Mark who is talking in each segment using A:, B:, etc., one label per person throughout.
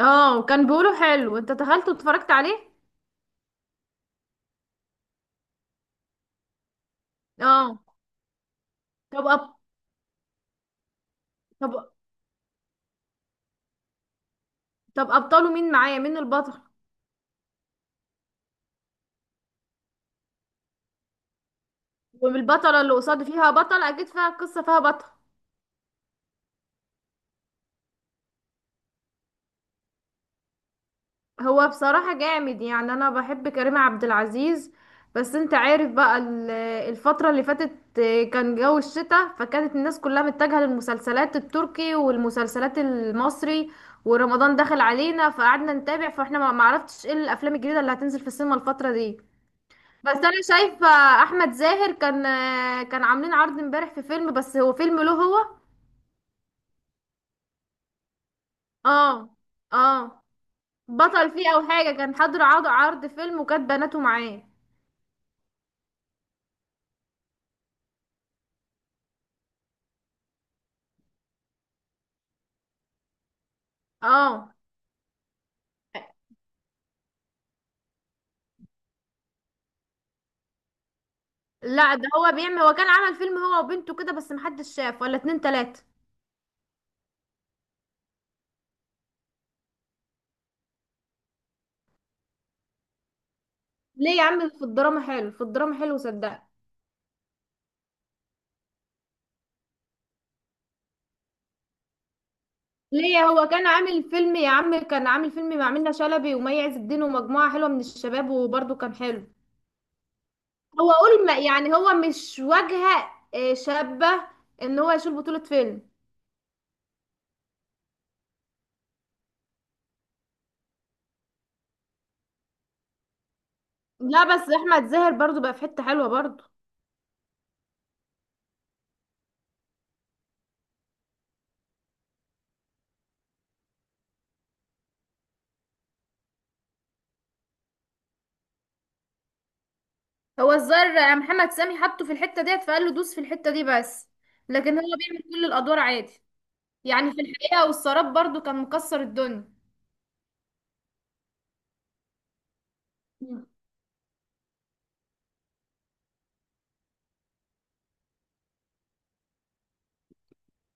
A: اه، كان بيقولوا حلو. انت دخلت واتفرجت عليه؟ اه طب أب... طب طب ابطاله مين معايا؟ مين البطل؟ والبطلة اللي قصاد فيها بطل، اكيد فيها قصة، فيها بطل. هو بصراحة جامد، يعني انا بحب كريم عبد العزيز. بس انت عارف بقى، الفترة اللي فاتت كان جو الشتاء، فكانت الناس كلها متجهة للمسلسلات التركي والمسلسلات المصري، ورمضان دخل علينا فقعدنا نتابع، فاحنا ما عرفتش ايه الافلام الجديدة اللي هتنزل في السينما الفترة دي. بس انا شايفه احمد زاهر كان عاملين عرض امبارح في فيلم، بس هو فيلم له هو. اه، اه، بطل فيه او حاجه، كان حضر عرض فيلم وكانت بناته معاه. اه، لا ده هو كان عمل فيلم هو وبنته كده، بس محدش شاف، ولا اتنين تلاته. ليه يا عم، في الدراما حلو، في الدراما حلو صدق. ليه هو كان عامل فيلم يا عم، كان عامل فيلم مع منة شلبي ومي عز الدين ومجموعه حلوه من الشباب، وبرده كان حلو. هو اقول ما يعني هو مش واجهة شابة ان هو يشيل بطولة فيلم. لا بس احمد زاهر برضو بقى في حتة حلوة برضو. هو الزر، محمد سامي حطه في الحتة ديت فقال له دوس في الحتة دي بس. لكن هو بيعمل كل الادوار عادي. يعني في الحقيقة والسراب برضو كان مكسر الدنيا. مم.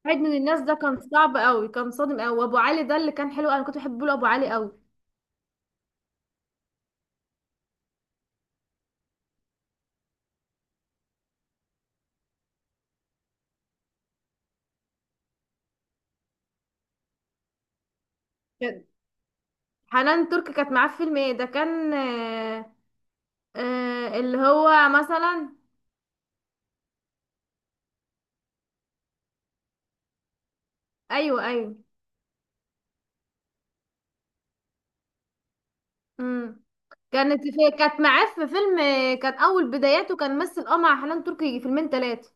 A: عيد من الناس ده كان صعب قوي، كان صادم قوي. وابو علي ده اللي كان حلو، انا كنت بحب له ابو علي قوي. كان- حنان ترك كانت معاه في فيلم ايه ده كان. اللي هو مثلا. ايوه، ايوه. امم. كانت معاه في فيلم، كان اول بداياته، كان مثل مع حنان تركي فيلمين ثلاثه.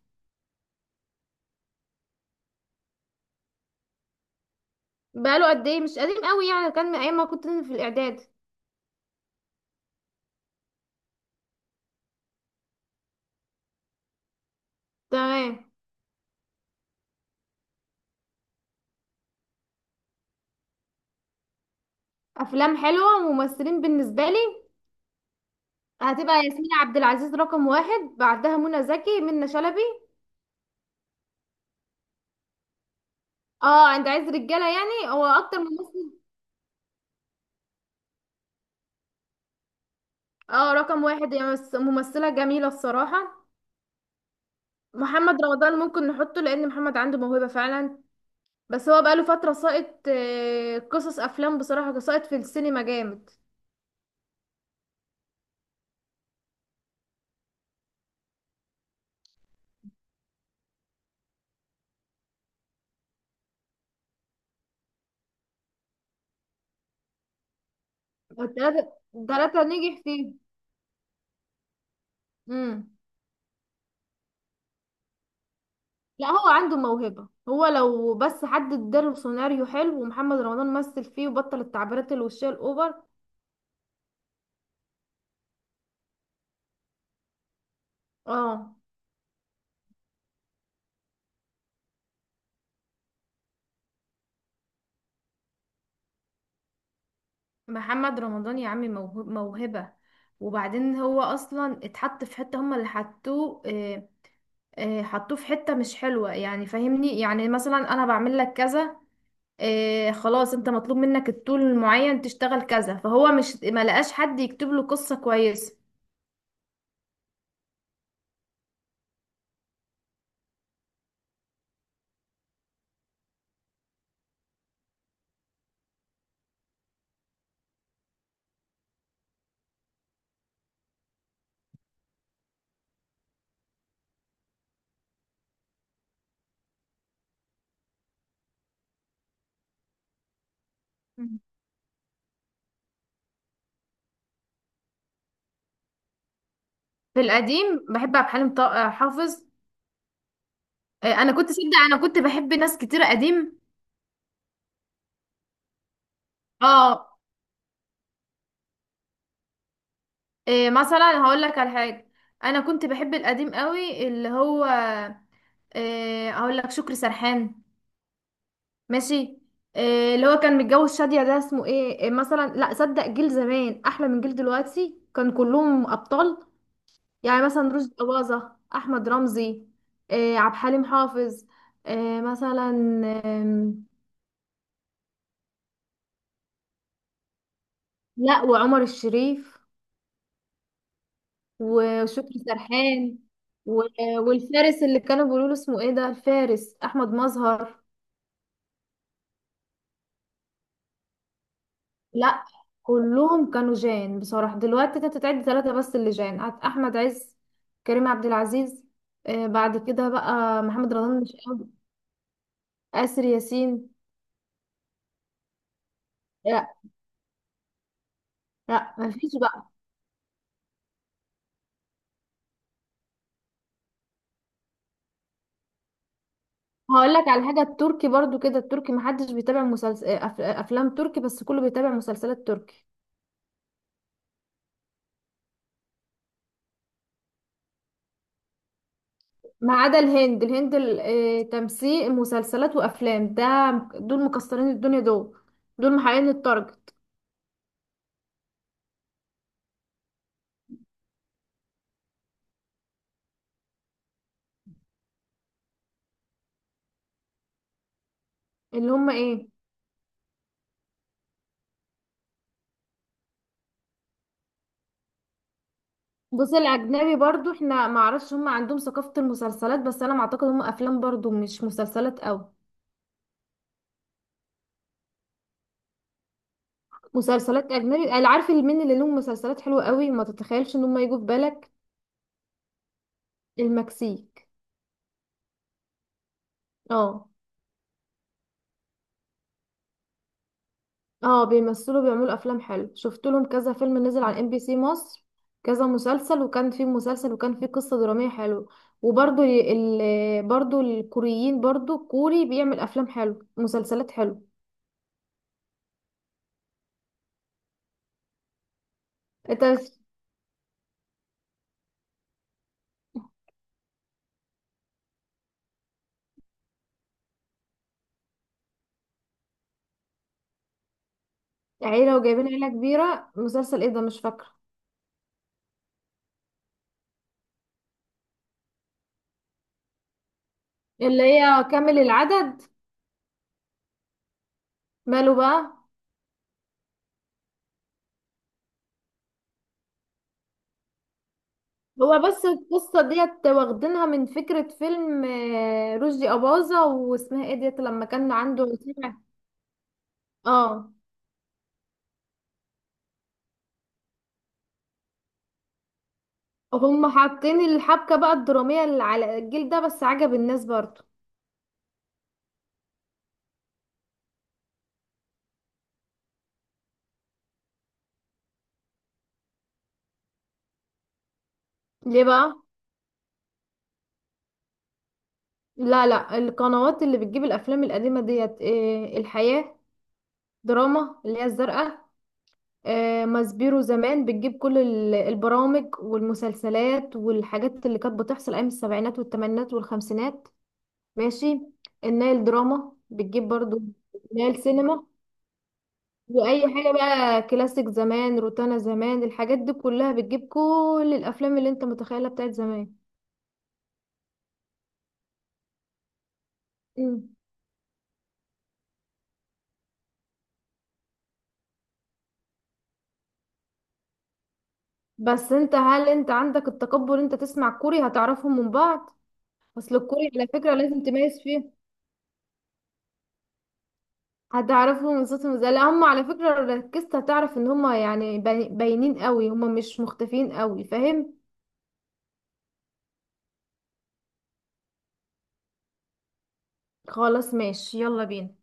A: بقاله قد ايه؟ مش قديم قوي، يعني كان من ايام ما كنت في الاعداد. تمام. افلام حلوه وممثلين بالنسبه لي، هتبقى ياسمين عبد العزيز رقم واحد، بعدها منى زكي، منى شلبي. اه، انت عايز رجاله؟ يعني هو اكتر ممثل. اه، رقم واحد، هي ممثله جميله الصراحه. محمد رمضان ممكن نحطه، لان محمد عنده موهبه فعلا. بس هو بقاله فترة ساقط، قصص أفلام بصراحة، ساقط في السينما جامد. والتلاتة التلاتة نجح فيه. مم. لا هو عنده موهبة، هو لو بس حد اداله سيناريو حلو ومحمد رمضان مثل فيه، وبطل التعبيرات الوشية الأوفر. اه. محمد رمضان يا عمي، موهبة. وبعدين هو أصلا اتحط في حتة، هما اللي حطوه، حطوه في حتة مش حلوة يعني، فاهمني؟ يعني مثلا، أنا بعمل لك كذا، إيه خلاص، انت مطلوب منك الطول المعين تشتغل كذا، فهو مش ما لقاش حد يكتب له قصة كويسة. مم. في القديم بحب عبد الحليم حافظ. إيه، انا كنت صدق، انا كنت بحب ناس كتير قديم. اه. إيه مثلا، هقول لك على حاجة. انا كنت بحب القديم قوي، اللي هو، إيه، هقول لك شكري سرحان. ماشي. إيه اللي هو كان متجوز شادية ده، اسمه ايه، إيه مثلا؟ لا صدق، جيل زمان احلى من جيل دلوقتي، كان كلهم ابطال. يعني مثلا رشدي أباظة، أحمد رمزي، عبد الحليم حافظ، مثلا. آم، لا، وعمر الشريف، وشكري سرحان، و- والفارس اللي كانوا بيقولوا له اسمه ايه ده، الفارس أحمد مظهر. لا كلهم كانوا جان بصراحة. دلوقتي انت تعد ثلاثة بس اللي جان، أحمد عز، كريم عبد العزيز، بعد كده بقى محمد رمضان مش قوي، آسر ياسين. لا، لا، مفيش بقى. هقول لك على حاجة، التركي برضو كده، التركي محدش بيتابع مسلسل أف... آه، أفلام تركي، بس كله بيتابع مسلسلات تركي. ما عدا الهند، الهند تمثيل مسلسلات وأفلام ده، دول مكسرين الدنيا دول محققين التارجت. اللي هم ايه؟ بص، الأجنبي برضو، احنا ما اعرفش هم عندهم ثقافة المسلسلات، بس أنا ما أعتقد، هم أفلام برضو مش مسلسلات أوي. مسلسلات أجنبي، أنا عارف مين اللي لهم مسلسلات حلوة أوي، ما تتخيلش إن هم يجوا في بالك. المكسيك. اه، اه، بيمثلوا، بيعملوا افلام حلو، شفت لهم كذا فيلم نزل على ام بي سي مصر، كذا مسلسل، وكان في مسلسل وكان في قصة درامية حلوة. وبرضو برضو الكوريين، برضو كوري بيعمل افلام حلو، مسلسلات حلو. انت، عيلة وجايبين عيلة كبيرة مسلسل ايه ده؟ مش فاكرة اللي هي كامل العدد. ماله بقى؟ هو بس القصة ديت واخدينها من فكرة فيلم رشدي أباظة، واسمها ايه ديت، لما كان عنده اه. هم حاطين الحبكة بقى الدرامية اللي على الجيل ده، بس عجب الناس برضو. ليه بقى؟ لا، لا، القنوات اللي بتجيب الأفلام القديمة ديت، إيه الحياة دراما اللي هي الزرقاء، إيه ماسبيرو زمان بتجيب كل البرامج والمسلسلات والحاجات اللي كانت بتحصل أيام السبعينات والثمانينات والخمسينات. ماشي. النايل دراما بتجيب برضو، نايل سينما، واي حاجه بقى كلاسيك زمان، روتانا زمان، الحاجات دي كلها بتجيب كل الافلام اللي انت متخيلها بتاعت زمان. مم. بس هل انت عندك التقبل، انت تسمع كوري هتعرفهم من بعض؟ اصل الكوري على فكره لازم تميز فيه. هتعرفهم من صوتهم، زي، لا هم على فكره لو ركزت هتعرف ان هم يعني باينين قوي، هم مش مختفيين قوي، فاهم؟ خلاص، ماشي، يلا بينا.